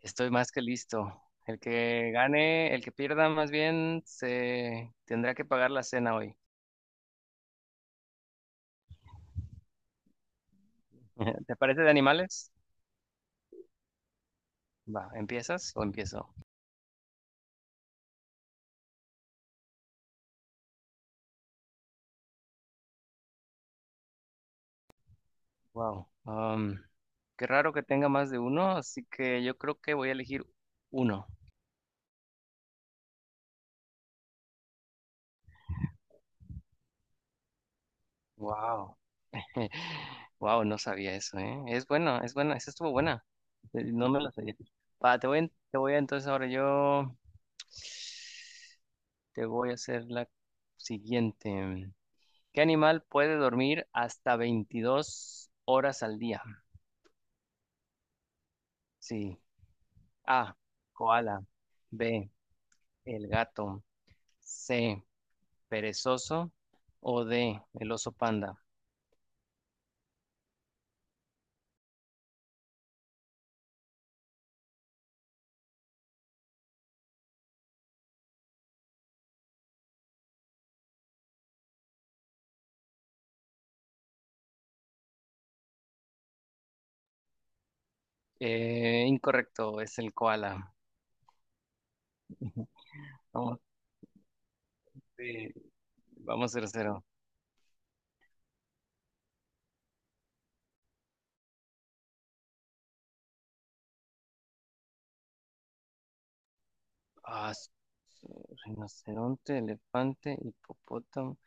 Estoy más que listo. El que gane, el que pierda más bien, se tendrá que pagar la cena hoy. ¿Te parece de animales? Va, ¿empiezas o empiezo? Wow. Qué raro que tenga más de uno, así que yo creo que voy a elegir uno. Wow. Wow, no sabía eso, ¿eh? Es bueno, es buena, esa estuvo buena. No me la sabía. Va, te voy, en- te voy a- entonces ahora yo te voy a hacer la siguiente. ¿Qué animal puede dormir hasta 22 horas al día? Sí. A. Koala. B. El gato. C. Perezoso. O D. El oso panda. Incorrecto, es el koala. Vamos, eh, vamos cero. Cero. Ah, rinoceronte, elefante, hipopótamo.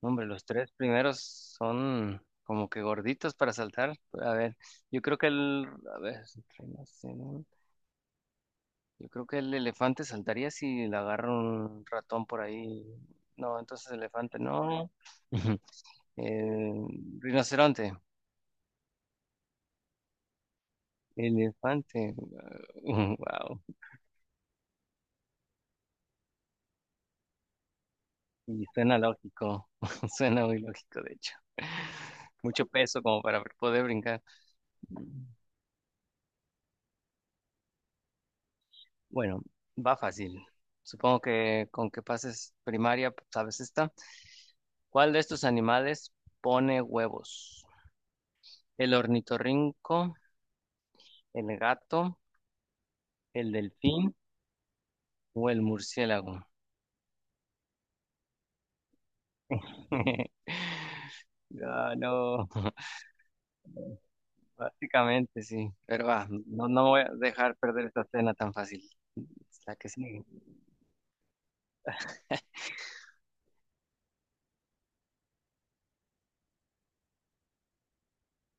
No, hombre, los tres primeros son como que gorditos para saltar. A ver, yo creo que el... A ver, rinoceronte. Yo creo que el elefante saltaría si le agarra un ratón por ahí. No, entonces elefante no. Eh, Rinoceronte. Elefante. Wow. Y suena lógico. Suena muy lógico, de hecho. Mucho peso como para poder brincar. Bueno, va fácil. Supongo que con que pases primaria, pues, sabes esta. ¿Cuál de estos animales pone huevos? ¿El ornitorrinco, el gato, el delfín o el murciélago? Ah, no, básicamente sí. Pero va, no, no voy a dejar perder esta cena tan fácil. La que sí.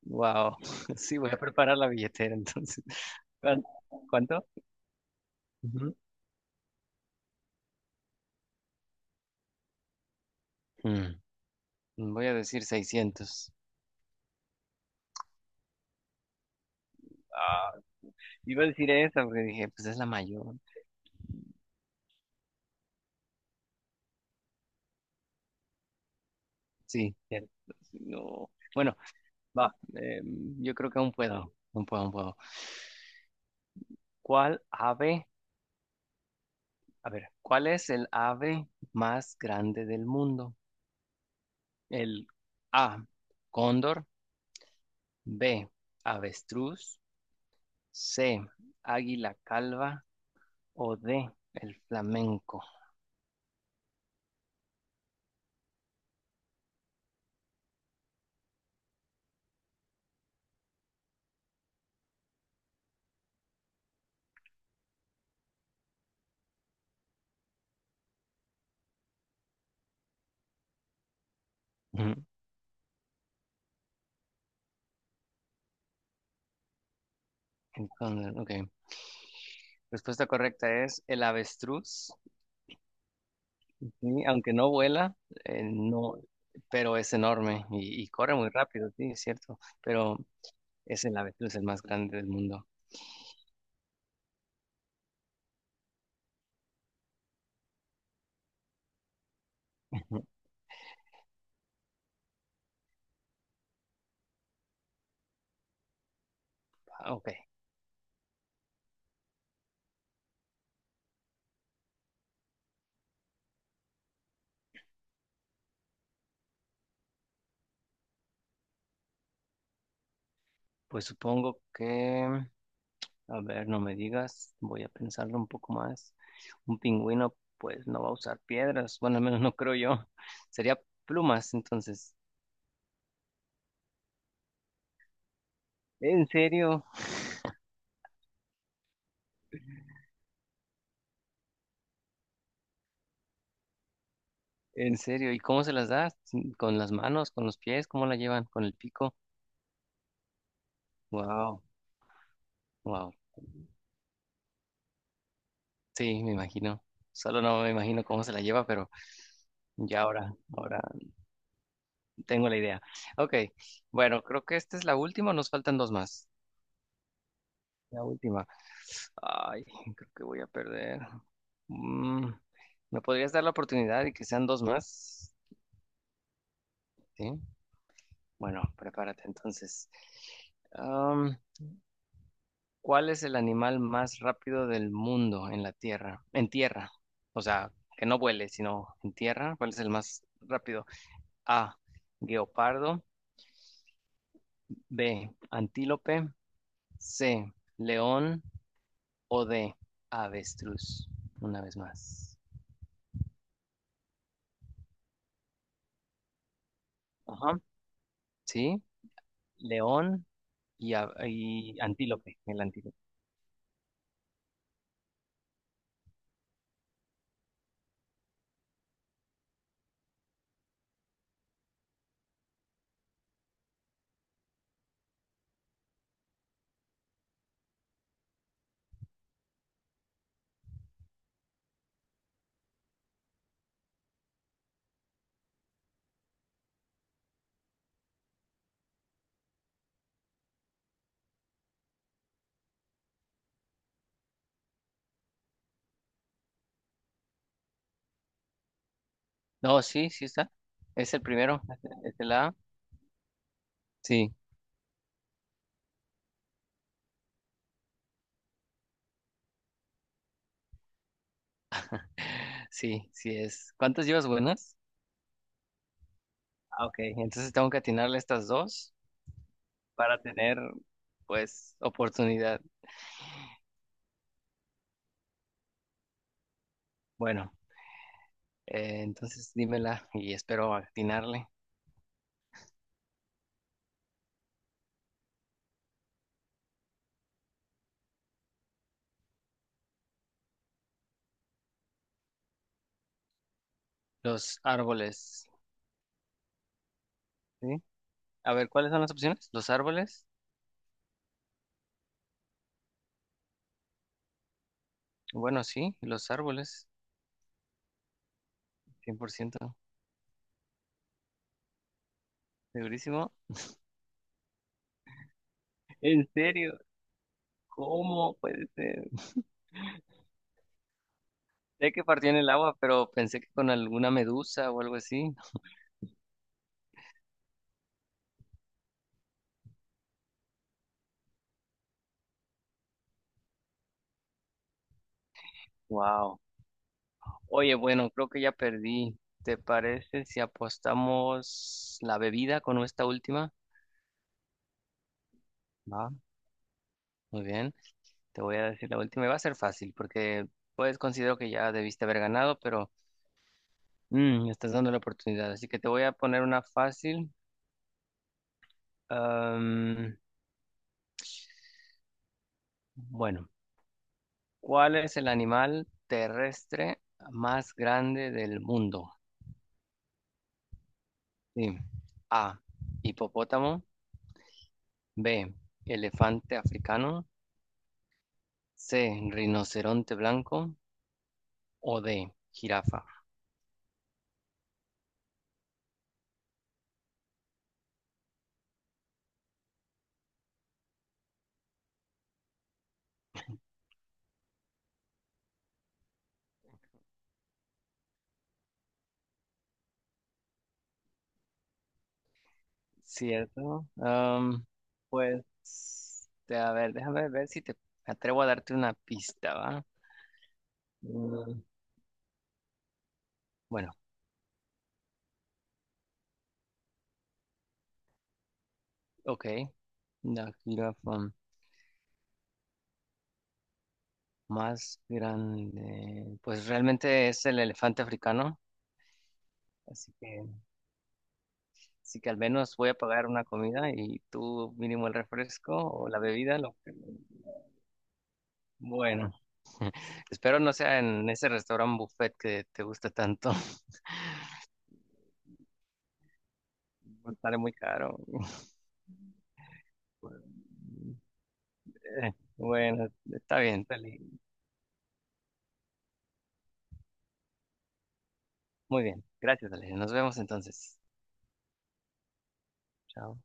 Wow. Sí, voy a preparar la billetera entonces. ¿Cuán- ¿Cuánto? Ujú. Mm, Voy a decir seiscientos. Ah, iba a decir esa porque dije, pues es la mayor. Sí, cierto. Sí, no. Bueno, va. Yo creo que aún puedo. Aún puedo, aún puedo. ¿Cuál ave A ver, ¿cuál es el ave más grande del mundo? El A, cóndor, B, avestruz, C, águila calva o D, el flamenco. Ujú, cóndor, ok. Respuesta correcta es el avestruz, sí, aunque no vuela, no, pero es enorme y corre muy rápido, sí, es cierto, pero es el avestruz el más grande del mundo. Ujú. Ok, pues supongo que... A ver, no me digas, voy a pensarlo un poco más. Un pingüino, pues no va a usar piedras, bueno, al menos no creo yo. Sería plumas, entonces. ¿En serio? ¿En serio? ¿Y cómo se las das? ¿Con las manos, con los pies? ¿Cómo la llevan? ¿Con el pico? Wow, wow. Sí, me imagino. Solo no me imagino cómo se la lleva, pero ya ahora, ahora tengo la idea. Ok, bueno, creo que esta es la última, nos faltan dos más. La última. Ay, creo que voy a perder. Mm, ¿Me podrías dar la oportunidad y que sean dos más? Sí. Bueno, prepárate entonces. Am, ¿Cuál es el animal más rápido del mundo en la tierra? En tierra. O sea, que no vuele, sino en tierra. ¿Cuál es el más rápido? A, guepardo. B, antílope. C, león. O D, avestruz. Una vez más. Ajá. ¿Sí? León y antílope, el antílope. No, sí, sí está. Es el primero, es el A. Sí, sí, sí es. ¿Cuántas llevas buenas? Ah, ok, entonces tengo que atinarle estas dos para tener, pues, oportunidad. Bueno, entonces dímela y espero atinarle. Los árboles, ¿sí? A ver, ¿cuáles son las opciones? Los árboles. Bueno, sí, los árboles, 100%, segurísimo. ¿En serio? ¿Cómo puede ser? Sé que partió en el agua, pero pensé que con alguna medusa o algo así. Wow. Oye, bueno, creo que ya perdí. ¿Te parece si apostamos la bebida con esta última? Va, muy bien. Te voy a decir la última y va a ser fácil porque pues considero que ya debiste haber ganado, pero me estás dando la oportunidad. Así que te voy a poner una fácil. Am, bueno, ¿cuál es el animal terrestre más grande del mundo? Sí. A. Hipopótamo. B. Elefante africano. C. Rinoceronte blanco. O D. Jirafa. ¿Cierto? Pues, a ver, déjame ver si te atrevo a darte una pista, ¿va? Mm, bueno, ok. La jirafa más grande. Pues realmente es el elefante africano. Así que, así que al menos voy a pagar una comida y tú mínimo el refresco o la bebida, lo que... Bueno. Espero no sea en ese restaurante buffet que te gusta tanto. Sale muy caro. Eh, Bueno, está bien, dale. Muy bien. Gracias, Ale. Nos vemos entonces. Chao.